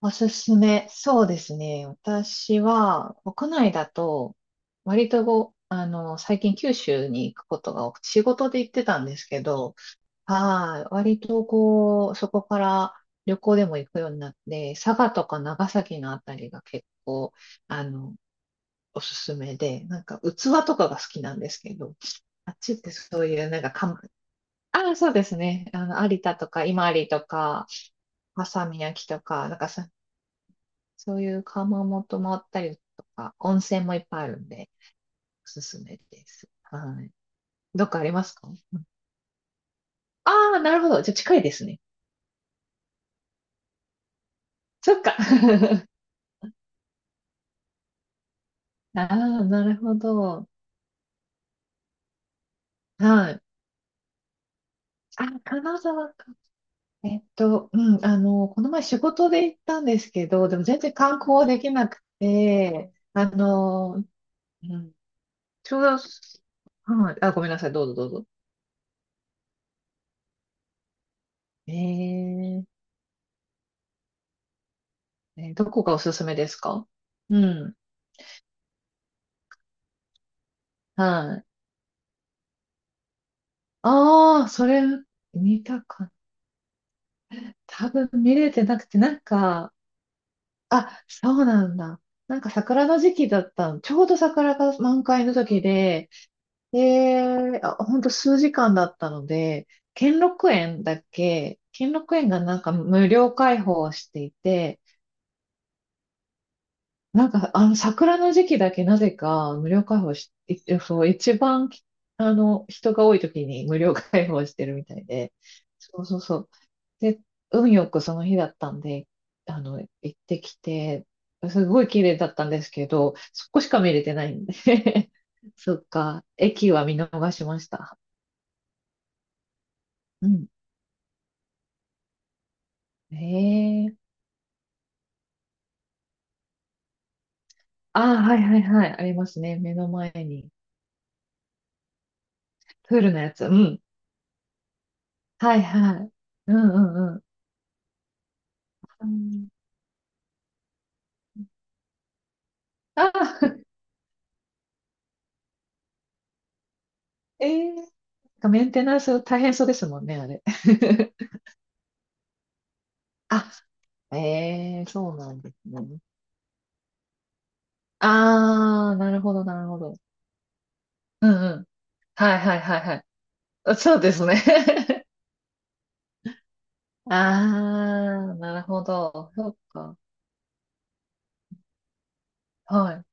おすすめ。そうですね。私は、国内だと、割とご、あの、最近九州に行くことが多くて、仕事で行ってたんですけど、はい、割とこう、そこから旅行でも行くようになって、佐賀とか長崎のあたりが結構、あの、おすすめで、なんか器とかが好きなんですけど、あっちってそういう、なんかかん、ああ、そうですね。有田とか、伊万里とか、波佐見焼とか、なんかそういう窯元もあったりとか、温泉もいっぱいあるんで、おすすめです。はい。どっかありますか？ああー、なるほど。じゃあ近いですね。そっか。ああ、なるほど。はい。あ、金沢か。うん、この前仕事で行ったんですけど、でも全然観光できなくて、うん、ちょうど、はい、あ、ごめんなさい、どうぞどうぞ。えー、どこがおすすめですか？うん、はい。ああ、それ見たかった、多分見れてなくて、なんか、あ、そうなんだ。なんか桜の時期だったの。ちょうど桜が満開の時で、で、あ、ほんと数時間だったので、兼六園だっけ、兼六園がなんか無料開放していて、なんか、桜の時期だけなぜか無料開放し、いそう、一番、人が多い時に無料開放してるみたいで、そうそうそう。で、運よくその日だったんで、行ってきて、すごい綺麗だったんですけど、そこしか見れてないんで そっか、駅は見逃しました。うん。へえ。ああ、はいはいはい、ありますね。目の前に。プールのやつ。うん。はいはい。うんうんうん。うんああええなんかメンテナンス大変そうですもんね、あれ。あ、ええそうなんですね。ああ、なるほど、なるほど。うんうん。はいはいはいはい。あそうですね。ああ、なるほど。そっか。は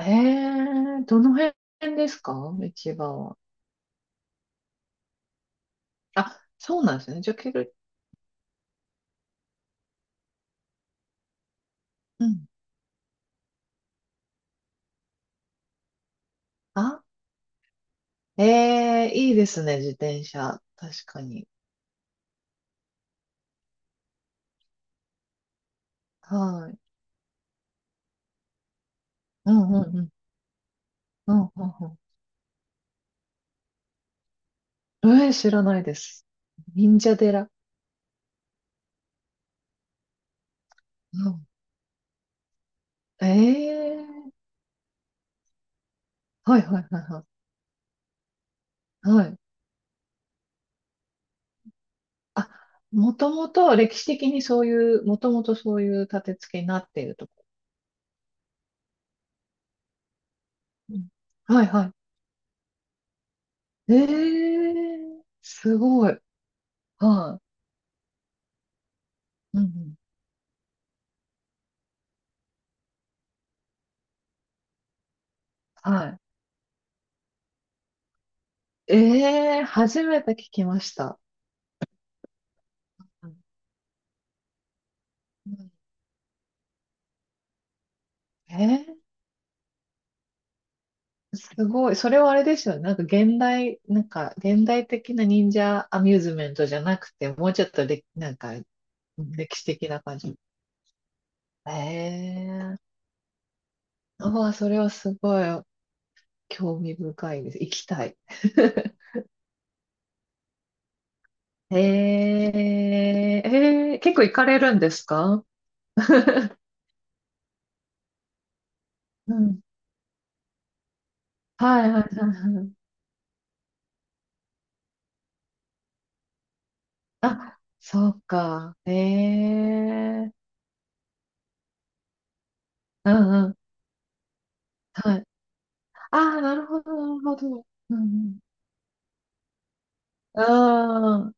い。ええどの辺ですか？一番は。あ、そうなんですね。じゃあ、ける。うん。あ、ええいいですね、自転車。確かに。はい。うんうんうん。うんうんうんええ、知らないです。忍者寺。うん、ええはいはいはいはい。はい。あ、もともと歴史的にそういう、もともとそういう立て付けになっているとこ。うんはいはい。ええすごい。はい。うんうん、はい。ええ初めて聞きました。うんええすごい。それはあれですよね。なんか現代的な忍者アミューズメントじゃなくて、もうちょっとで、なんか歴史的な感じ。ええああ、それはすごい興味深いです。行きたい。ええええ結構行かれるんですか？ うん。はいはいはいはい。あ、そうか。ええうんうん。はい。ああ、なるほど、なるほど。うんうん。ああ、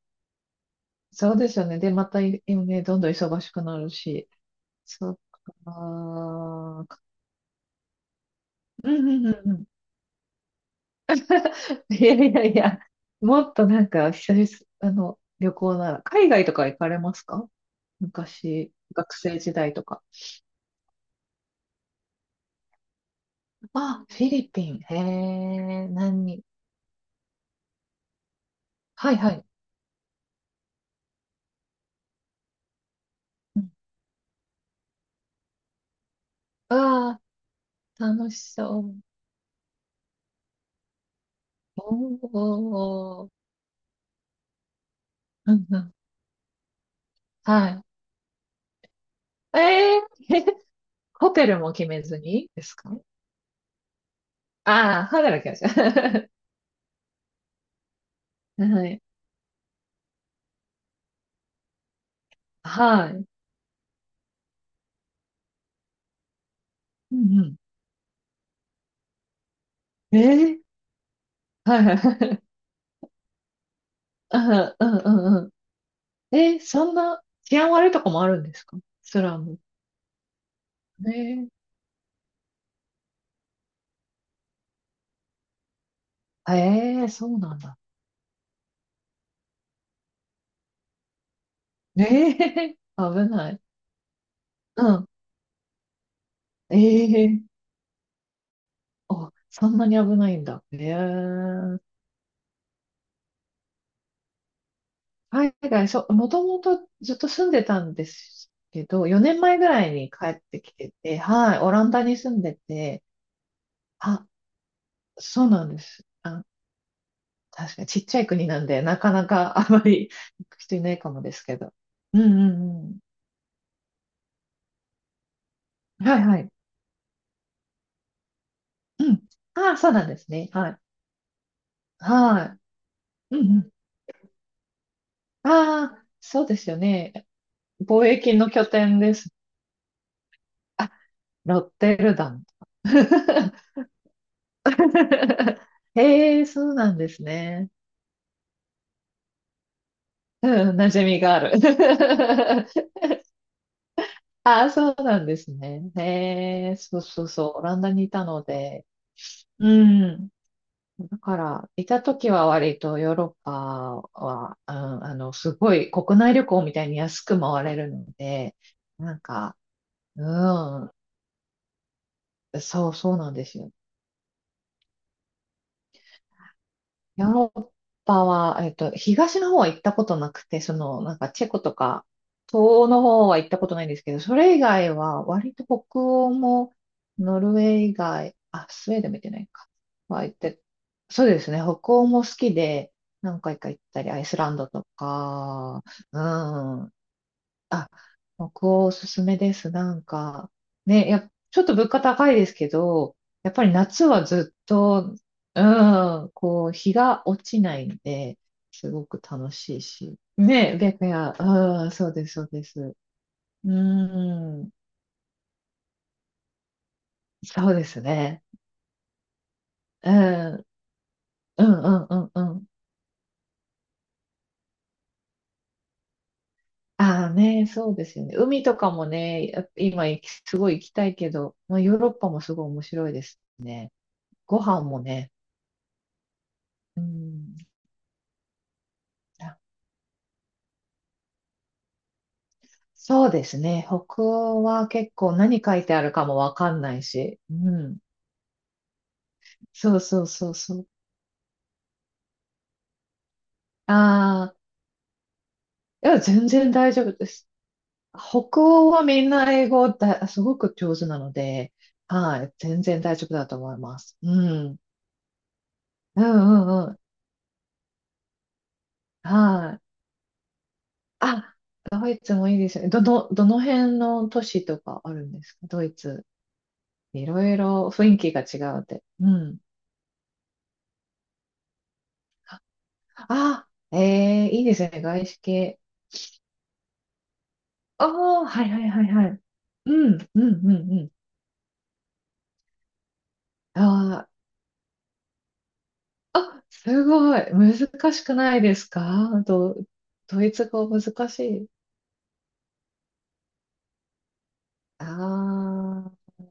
そうですよね。で、また、今ね、どんどん忙しくなるし。そうか。うんうんうんうん。いやいやいや、もっとなんか、久々、旅行なら、海外とか行かれますか？昔、学生時代とか。あ、フィリピン。へえ、何？はいはい。ああー、楽しそう。おー、うんうん。はい。ホテルも決めずにですか？ああー、働きました。はい。はい。うんうん。はいはい。ああ、うんうんえ、そんな治安悪いとこもあるんですか？スラム。ねえ。ええ、そうなんだ。ねえ、危ない。うん。ええ、あ、そんなに危ないんだ。ええ。海外、そう、もともとずっと住んでたんですけど、4年前ぐらいに帰ってきてて、はい、オランダに住んでて、あ、そうなんです。あ、確かにちっちゃい国なんで、なかなかあまり行く人いないかもですけど。うんうんうん。はいはい。うん。ああ、そうなんですね。はい。はい。うんうん。ああ、そうですよね。貿易の拠点です。あ、ロッテルダム。へえ、そうなんですね。うん、馴染みがある。ああ、そうなんですね。へえ、そうそうそう。オランダにいたので。うん。だから、いた時は割とヨーロッパは、うん、すごい国内旅行みたいに安く回れるので、なんか、うん。そう、そうなんですよ。ヨーロッパは、東の方は行ったことなくて、なんかチェコとか、東欧の方は行ったことないんですけど、それ以外は、割と北欧も、ノルウェー以外、あ、スウェーデンも行ってないか。は行って、そうですね、北欧も好きで、何回か行ったり、アイスランドとか、うん、あ、北欧おすすめです。なんか、ね、ちょっと物価高いですけど、やっぱり夏はずっと、うん、こう、日が落ちないんで、すごく楽しいし。ね、白夜、うん、そうです、そうです。うん、そうですね。うん、うん、うん、うん、うん。ああね、そうですよね。海とかもね、やっぱ今すごい行きたいけど、まあ、ヨーロッパもすごい面白いですね。ご飯もね。うんそうですね。北欧は結構何書いてあるかもわかんないし。うん。そうそうそうそう。ああ、いや、全然大丈夫です。北欧はみんな英語だ、すごく上手なので、はい、全然大丈夫だと思います。うん。うんうんうん。はい。あ、ドイツもいいですよね。どの辺の都市とかあるんですか、ドイツ？いろいろ雰囲気が違うって。うん。あ、ええいいですね。外資系。ああ、はいはいはいはい。うん、うん、うん、うん。ああ、あ、すごい。難しくないですか？ドイツ語難しい。ああ。